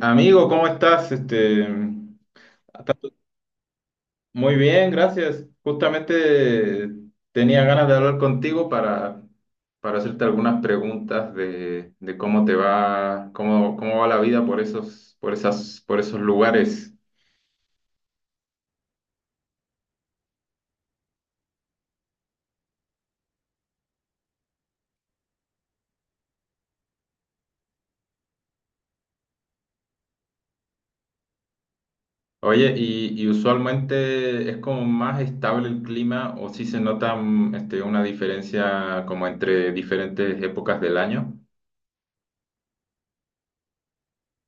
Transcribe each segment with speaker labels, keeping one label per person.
Speaker 1: Amigo, ¿cómo estás? Muy bien, gracias. Justamente tenía ganas de hablar contigo para hacerte algunas preguntas de cómo te va, cómo va la vida por esos, por esas, por esos lugares. Oye, y usualmente es como más estable el clima o si se nota una diferencia como entre diferentes épocas del año.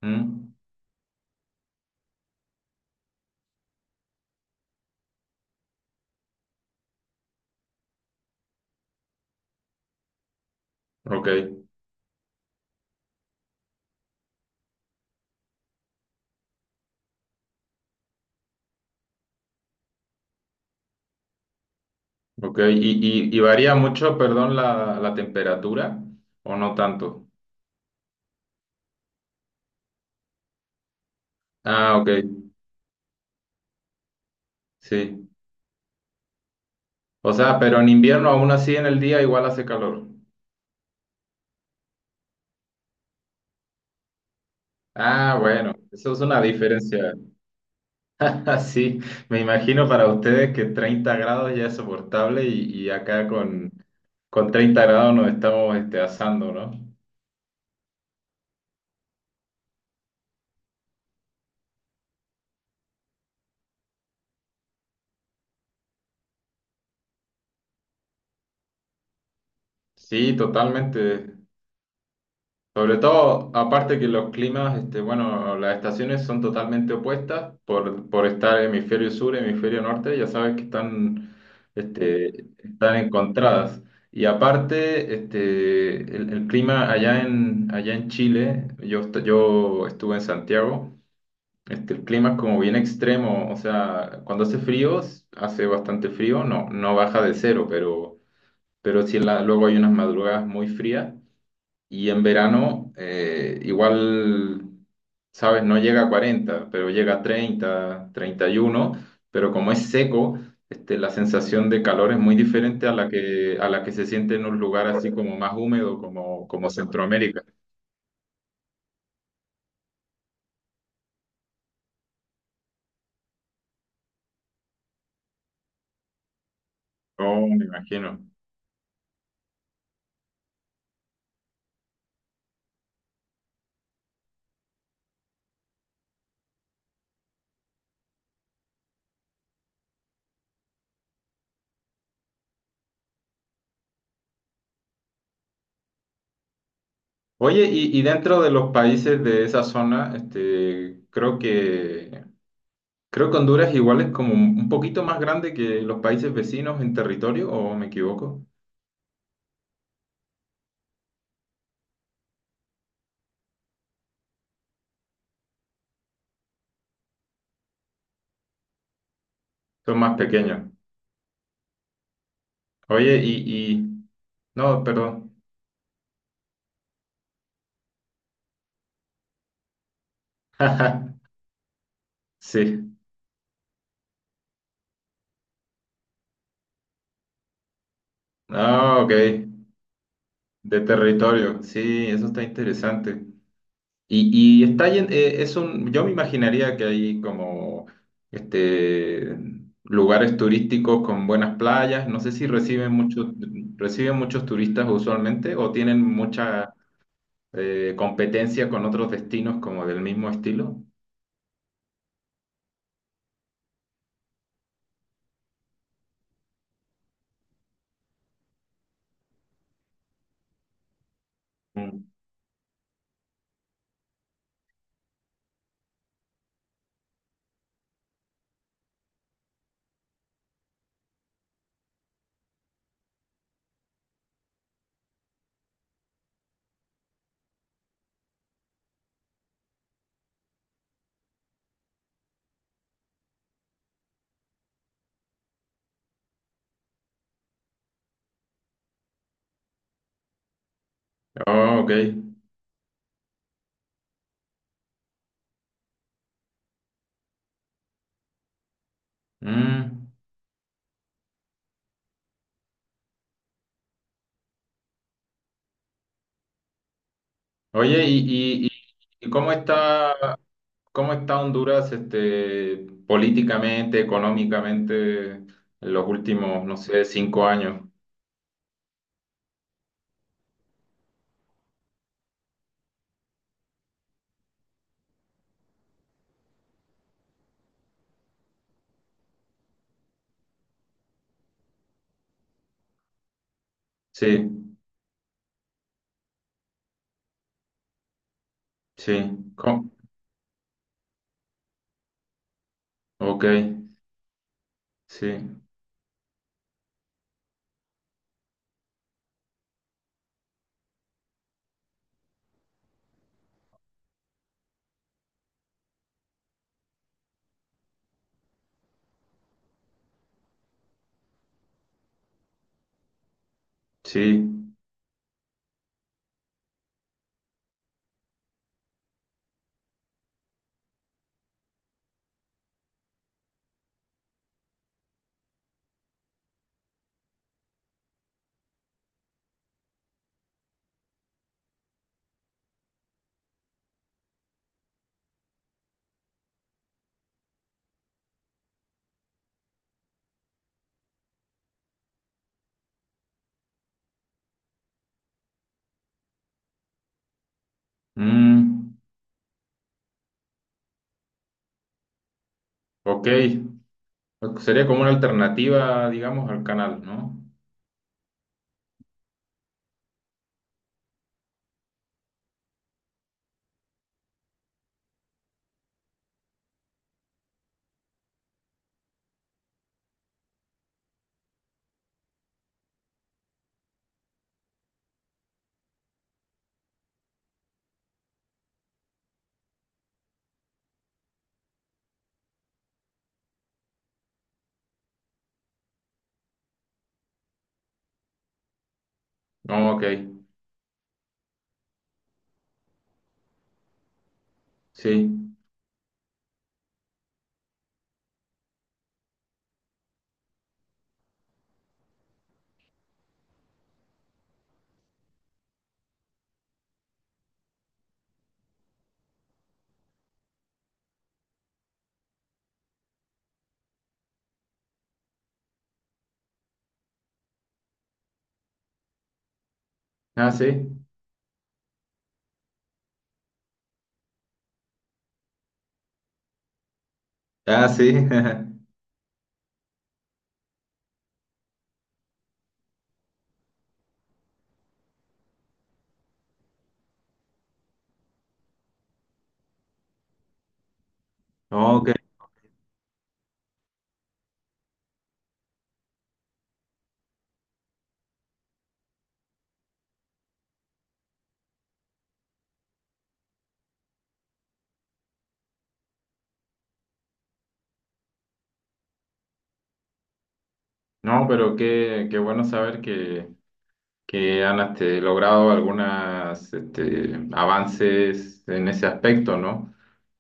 Speaker 1: ¿Mm? Ok. Ok, ¿y varía mucho, perdón, la temperatura o no tanto? Ah, ok, sí. O sea, pero en invierno aún así en el día igual hace calor. Ah, bueno, eso es una diferencia. Así, me imagino para ustedes que 30 grados ya es soportable y, acá con 30 grados nos estamos asando, ¿no? Sí, totalmente. Sobre todo, aparte que los climas, bueno, las estaciones son totalmente opuestas por estar hemisferio sur, hemisferio norte, ya sabes que este, están encontradas. Y aparte, el clima allá en Chile, yo estuve en Santiago, el clima es como bien extremo. O sea, cuando hace frío, hace bastante frío, no, no baja de cero, pero sí luego hay unas madrugadas muy frías. Y en verano, igual, sabes, no llega a 40 pero llega a 30 31, pero como es seco, la sensación de calor es muy diferente a la que, se siente en un lugar así como más húmedo, como Centroamérica. Oh, me imagino. Oye, y dentro de los países de esa zona, creo que Honduras igual es como un poquito más grande que los países vecinos en territorio, ¿o me equivoco? Son más pequeños. Oye. No, perdón. Sí. Ah, ok. De territorio. Sí, eso está interesante. Y está llen- es un... Yo me imaginaría que hay como este, lugares turísticos con buenas playas. No sé si reciben muchos turistas usualmente o tienen mucha competencia con otros destinos como del mismo estilo. Mm. Oh, ok. Mm. Oye, y, y, y- ¿Y cómo está ¿Cómo está Honduras, políticamente, económicamente, en los últimos, no sé, 5 años? Sí, sí. ¿Cómo? Ok, sí, sí. Mm, ok. Sería como una alternativa, digamos, al canal, ¿no? No, ok, sí. Ah, sí. Ah, sí. Ok. No, pero qué bueno saber que, han logrado algunos avances en ese aspecto, ¿no?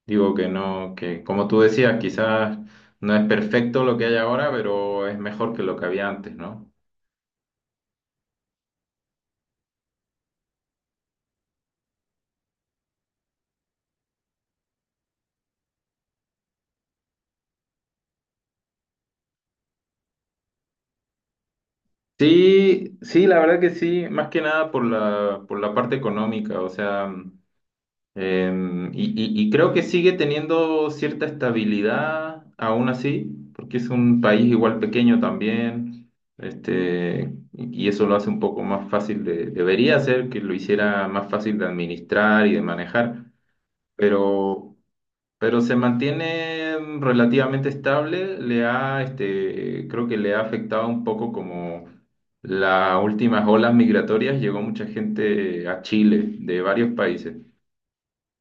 Speaker 1: Digo que no, que como tú decías, quizás no es perfecto lo que hay ahora, pero es mejor que lo que había antes, ¿no? Sí, sí, la verdad que sí, más que nada por la parte económica. O sea, em, y, y creo que sigue teniendo cierta estabilidad aún así, porque es un país igual pequeño también, y eso lo hace un poco más fácil de, debería ser que lo hiciera más fácil de administrar y de manejar, pero se mantiene relativamente estable. Creo que le ha afectado un poco como las últimas olas migratorias. Llegó mucha gente a Chile de varios países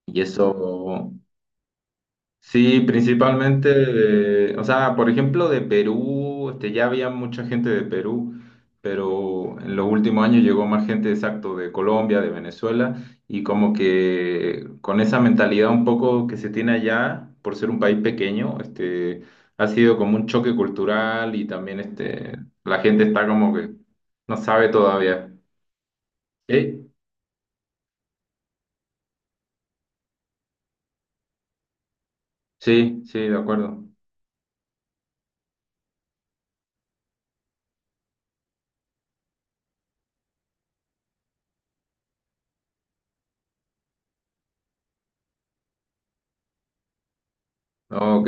Speaker 1: y eso. Sí, principalmente o sea, por ejemplo, de Perú, ya había mucha gente de Perú, pero en los últimos años llegó más gente, exacto, de Colombia, de Venezuela, y como que con esa mentalidad un poco que se tiene allá, por ser un país pequeño, ha sido como un choque cultural y también la gente está como que no sabe todavía. ¿Eh? Sí, sí, de acuerdo. Ok,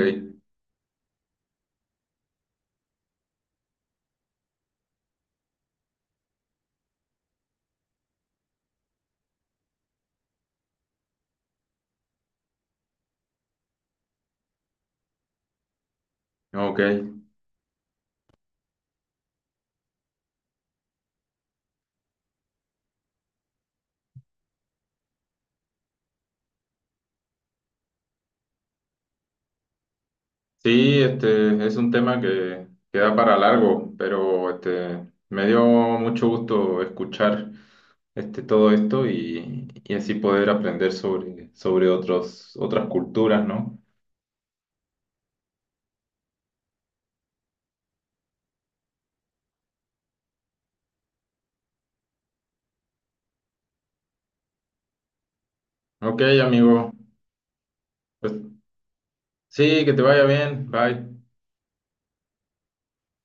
Speaker 1: ok. Sí, este es un tema que da para largo, pero me dio mucho gusto escuchar todo esto y, así poder aprender sobre otros, otras culturas, ¿no? Ok, amigo. Pues sí, que te vaya bien. Bye.